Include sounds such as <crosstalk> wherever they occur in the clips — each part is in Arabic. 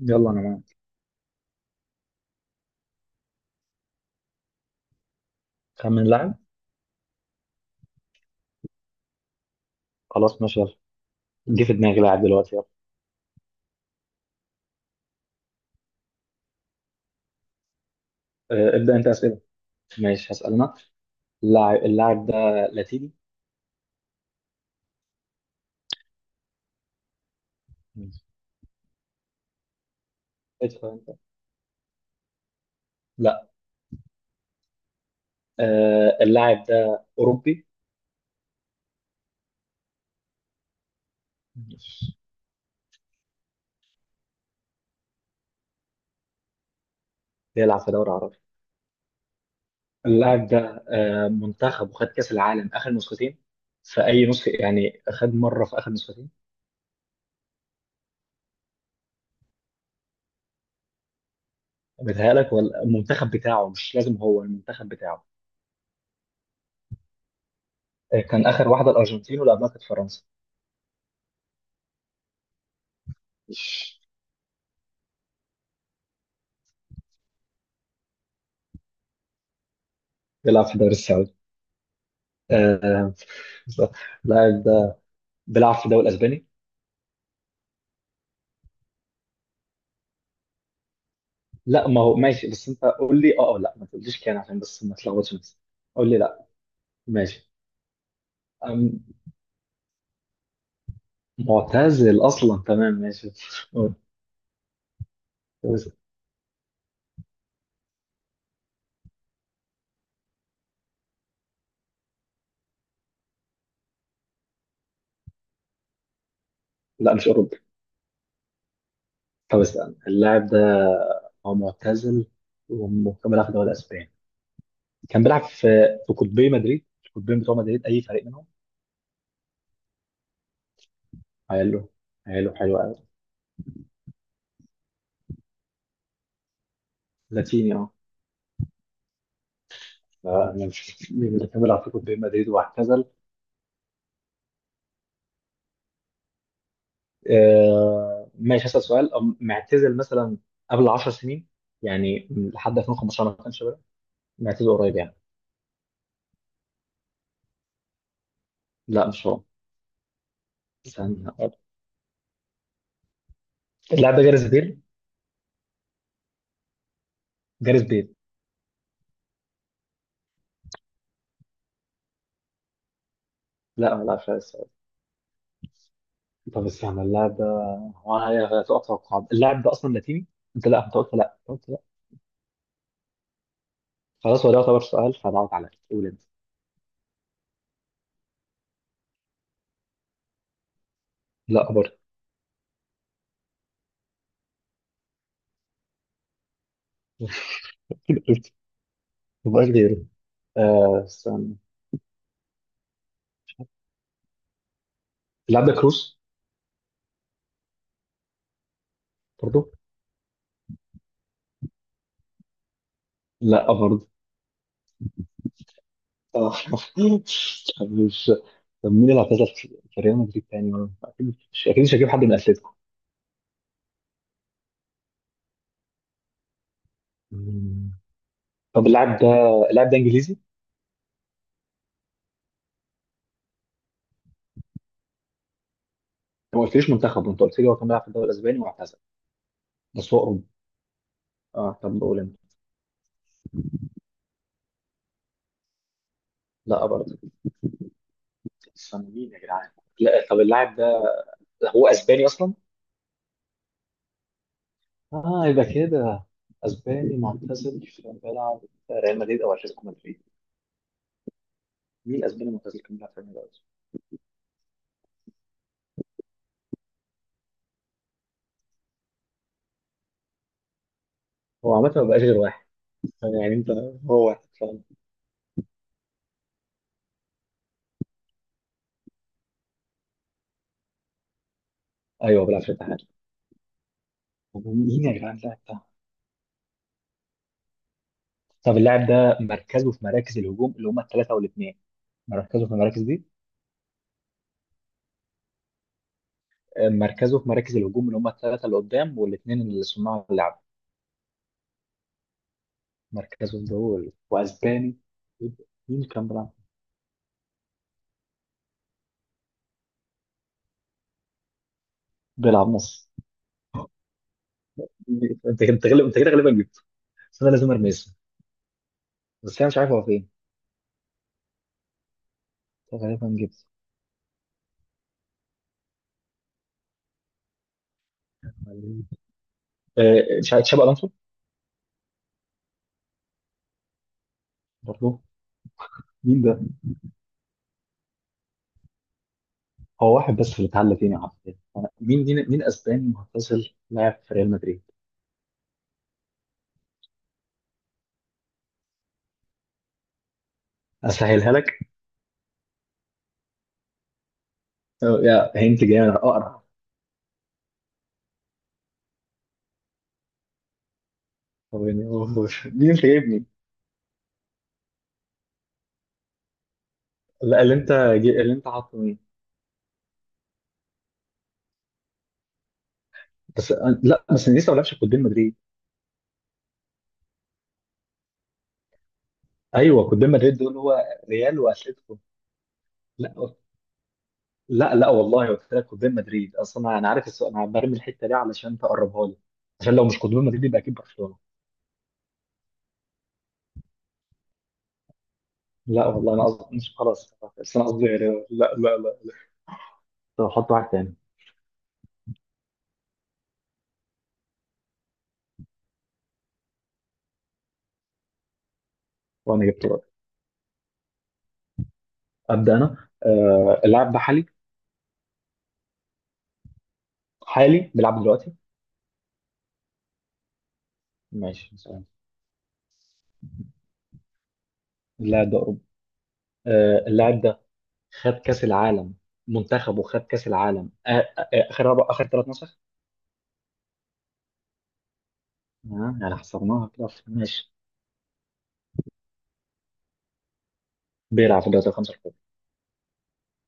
يلا انا معاك. خمن لاعب. خلاص ماشي يلا. جه في دماغي لاعب دلوقتي يلا. آه، ابدا انت اسئله. ماشي هسأل أنا. اللاعب ده لاتيني. ماشي. ادفع أنت. لا. اللاعب ده أوروبي. ماشي. بيلعب في دوري عربي. اللاعب ده منتخب وخد كأس العالم آخر نسختين. في أي نسخة يعني، خد مرة في آخر نسختين. بتهيألك ولا المنتخب بتاعه، مش لازم هو المنتخب بتاعه. كان آخر واحدة الأرجنتين واللي قبلها كانت فرنسا. بيلعب في الدوري السعودي. آه، لاعب ده بيلعب في الدوري الاسباني. لا ما هو ماشي، بس انت قول لي اه أو لا، ما تقوليش كان عشان بس ما تلخبطش نفسك. قول لي لا. ماشي. أم، معتزل اصلا، تمام ماشي. أه، بس- لا مش اوروبي. طب استنى اللاعب ده، هو معتزل وكان بيلعب في الدوري الاسباني. كان بيلعب في في قطبي مدريد، القطبين بتوع مدريد، اي فريق منهم. حلو. حلو حلو قوي. لاتيني اه. لا، انا مش مين اللي كان بيلعب في قطبي مدريد واعتزل. آه، ماشي هسأل سؤال. معتزل مثلا قبل 10 سنين، يعني لحد 2015 ما كانش بيلعب. معتزل قريب يعني. لا مش هو. استنى، اللاعب ده جاريث بيل. جاريث بيل. لا ما لعبش على السؤال. طب استنى اللاعب ده، انا هتوقع توقعات. اللاعب ده اصلا لاتيني، انت؟ لا انت قلت لا، أنت قلت لا. خلاص هو ده يعتبر سؤال، فضغط عليا، قول انت. لا برضه. <laughs> مبقاش غيره. استنى، اللاعب ده كروس. برضه. لا برضه. آه. <laughs> مش طب مين اللي اعتزل في ريال مدريد تاني؟ ولا اكيد مش هجيب حد من اتلتيكو. مم. طب اللاعب ده انجليزي؟ انت ما قلتليش منتخب، انت قلت لي هو كان بيلعب في الدوري الاسباني واعتزل. بس هو اوروبي. اه، طب قول انت. لا برضه. استنى، مين يا جدعان؟ لا طب اللاعب ده هو اسباني اصلا؟ اه يبقى كده، اسباني معتزل كان بيلعب في ريال مدريد او اتلتيكو مدريد. مين اسباني معتزل كان بيلعب في ريال مدريد؟ هو عامة ما بقاش غير واحد، يعني انت، هو واحد فاهم؟ ايوه بيلعب في الاتحاد. مين يا جدعان اللاعب ده؟ طب اللاعب ده مركزه في مراكز الهجوم اللي هم الثلاثة والاثنين. مركزه في المراكز دي. مركزه في مراكز الهجوم، اللي هم الثلاثة اللي قدام والاثنين اللي صناع اللعب. مركزهم دول، واسباني. مين كان بيلعب؟ بيلعب نص. انت غالب، انت كده غالبا جبته. بس انا لازم ارمي اسمه، بس انا مش عارف هو فين. أنت غالبا جبته. مش عارف، تشابي الونسو. برضه. مين ده؟ هو واحد بس اللي اتعلى فيني، عارف. مين اسباني معتزل لاعب في ريال مدريد. اسهلها لك. أو يا هنت جامد اقرع. هو يعني مين انت جايبني؟ لا اللي انت اللي انت حاطه مين؟ لا بس انا لسه ما لعبش قدام مدريد. ايوه قدام مدريد دول، هو ريال واتلتيكو. لا لا. لا والله قلت لك قدام مدريد، اصلا انا عارف السؤال، انا برمي الحته دي علشان تقربها لي. عشان لو مش قدام مدريد يبقى اكيد برشلونه. لا والله انا قصدي مش، خلاص بس انا قصدي ريال. لا لا لا لا. طب حط واحد تاني. وانا جبت واحد. ابدا انا، اللاعب ده حالي. حالي بيلعب دلوقتي. ماشي سؤال. لا ده أوروبي. اللاعب ده خد كأس العالم، منتخبه خد كأس العالم، آخر أربع، آخر ثلاث نسخ. يعني حصرناها كده ماشي. بيلعب في الدوري الخمسة الكبرى.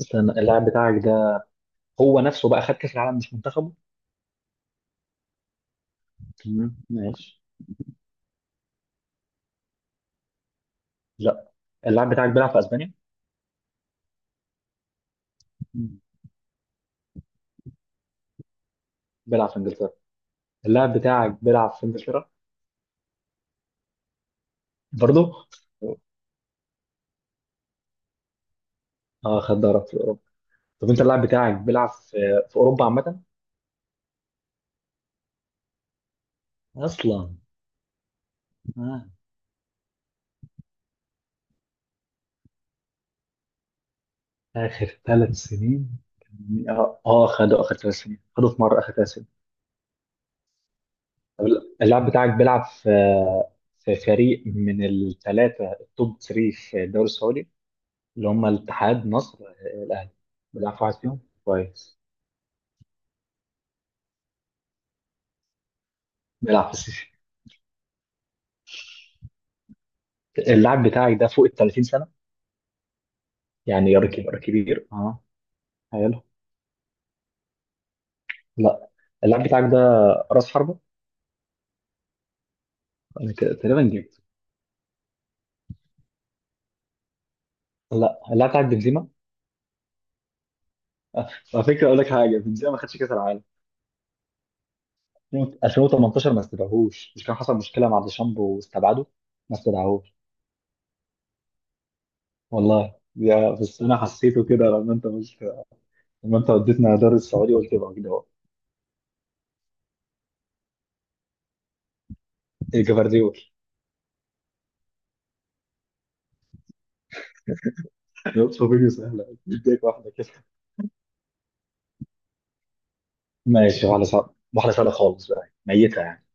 استنى اللاعب بتاعك ده هو نفسه بقى خد كأس العالم، مش منتخبه. تمام ماشي. لا اللاعب بتاعك بيلعب في أسبانيا. مم. بيلعب في إنجلترا. اللاعب بتاعك بيلعب في إنجلترا. برضه. اه خد دوري في أوروبا. طب أنت اللاعب بتاعك بيلعب في، في أوروبا عامة، اصلا. اه. آخر ثلاث سنين اه، خدوا آخر ثلاث سنين، خدوا في مرة آخر ثلاث سنين. طب اللاعب بتاعك بيلعب في فريق من الثلاثة، التوب 3 في الدوري السعودي، اللي هم الاتحاد، نصر، الأهلي. بيلعب في واحد فيهم كويس. بيلعب في السيسي. اللاعب بتاعك ده فوق ال 30 سنة، يعني راجل كبير كبير اه. حلو. لا اللاعب بتاعك ده راس حربة. انا كده تقريبا جبت. لا اللاعب بتاعك بنزيما. على فكرة اقول لك حاجة، بنزيما ما خدش كأس العالم 2018، ما استدعوهوش، مش كان حصل مشكله مع ديشامب واستبعده، ما استدعوهوش. والله يا، بس انا حسيته كده لما انت مش، لما انت وديتنا دار السعودي قلت يبقى كده هو. إيه، جفارديول. يوصف فيديو سهله، اديك واحده كده. ماشي، واحده صعبه واحده سهله خالص بقى، ميته يعني.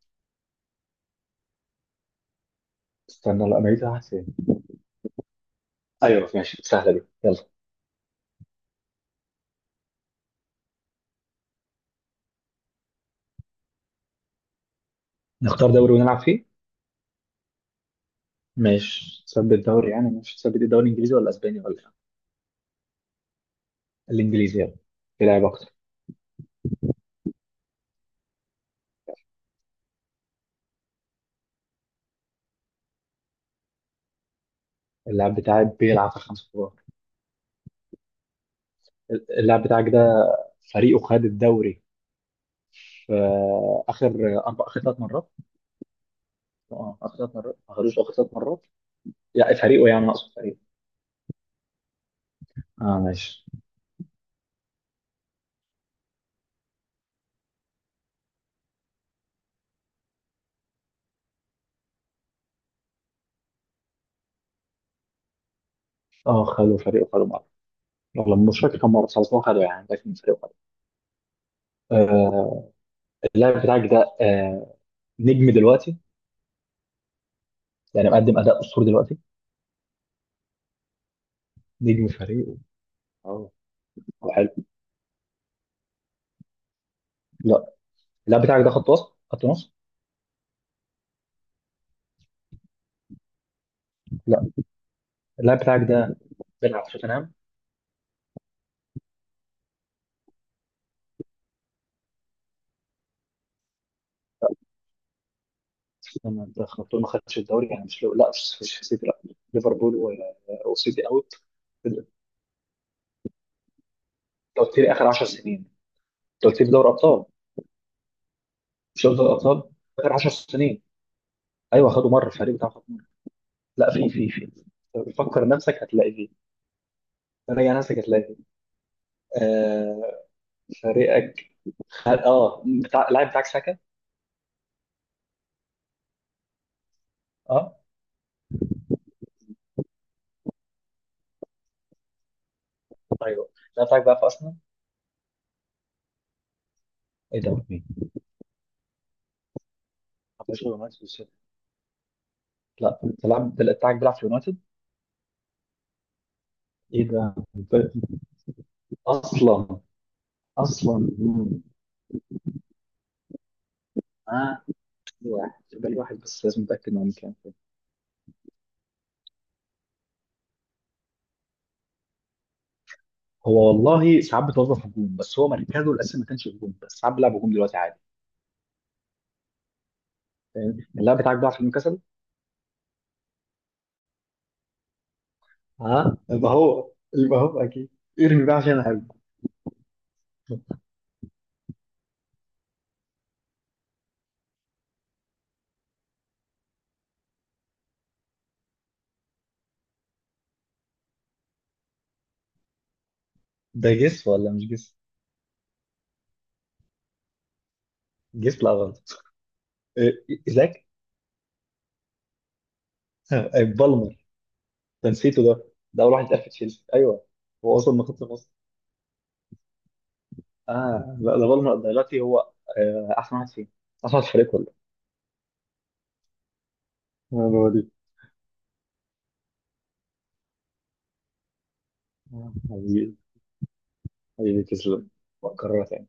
استنى، لا ميته واحد فين؟ ايوه ماشي، سهله دي يلا. نختار دوري ونلعب فيه. ماشي، تثبت دوري يعني؟ مش تثبت الدوري الانجليزي ولا اسباني ولا إيه؟ الانجليزي يلا، في لعب اكتر. اللاعب بتاعي بيلعب في خمسة كبار. اللاعب بتاعك ده فريقه خد الدوري في اخر اربع، اخر ثلاث مرات. اه اخر ثلاث مرات ما خدوش، اخر ثلاث مرات يعني فريقه، يعني اقصد فريقه. اه ماشي. اه خدوا، فريقه خدوا مره، والله مش فاكر كم مره بس خلاص هو خدوا يعني، لكن فريقه خدوا. آه اللاعب بتاعك ده نجم دلوقتي، يعني مقدم اداء اسطوري دلوقتي. نجم فريقه، اه. هو حلو. لا اللاعب بتاعك ده خط وسط خط نص. لا اللاعب بتاعك ده بيلعب في توتنهام. لما خلطوه ما خدش الدوري يعني، مش لو لا، مش سيتي لا. ليفربول وسيتي اوت. لو كتير اخر 10 سنين، لو كتير دوري ابطال. مش دوري ابطال اخر 10 سنين. ايوه خدوا مره، الفريق بتاعه خد مرة. لا في، في فكر نفسك هتلاقي فيه. راجع نفسك هتلاقي فيه. آه فريقك، اه بتاع، اللاعب بتاعك ساكا، اه. ايوه اللاعب بتاعك بقى في ارسنال. ايه ده مين؟ ما فيش غير يونايتد وسيتي. لا انت اللاعب بتاعك بيلعب في يونايتد؟ ايه ده اصلا. مم. واحد بل واحد، بس لازم اتاكد انه كام فين. هو والله ساعات بتوظف هجوم، بس هو مركزه الاساسي ما كانش هجوم، بس ساعات بيلعب هجوم دلوقتي عادي فاهم. اللاعب بتاعك بقى عشان كسل. ها يبقى هو، اكيد. ارمي بقى عشان هجوم. ده جس ولا مش جس؟ جس لا غلط. إيه، ايزاك. بالمر. ده نسيته ده. ده اول واحد اتقال في تشيلسي، ايوه. هو اصلا من خط النص. اه لا، ده بالمر دلوقتي هو احسن واحد فيه، احسن واحد في الفريق كله. هو دي. حبيبي. حبيبي تسلم. وأكررها تاني.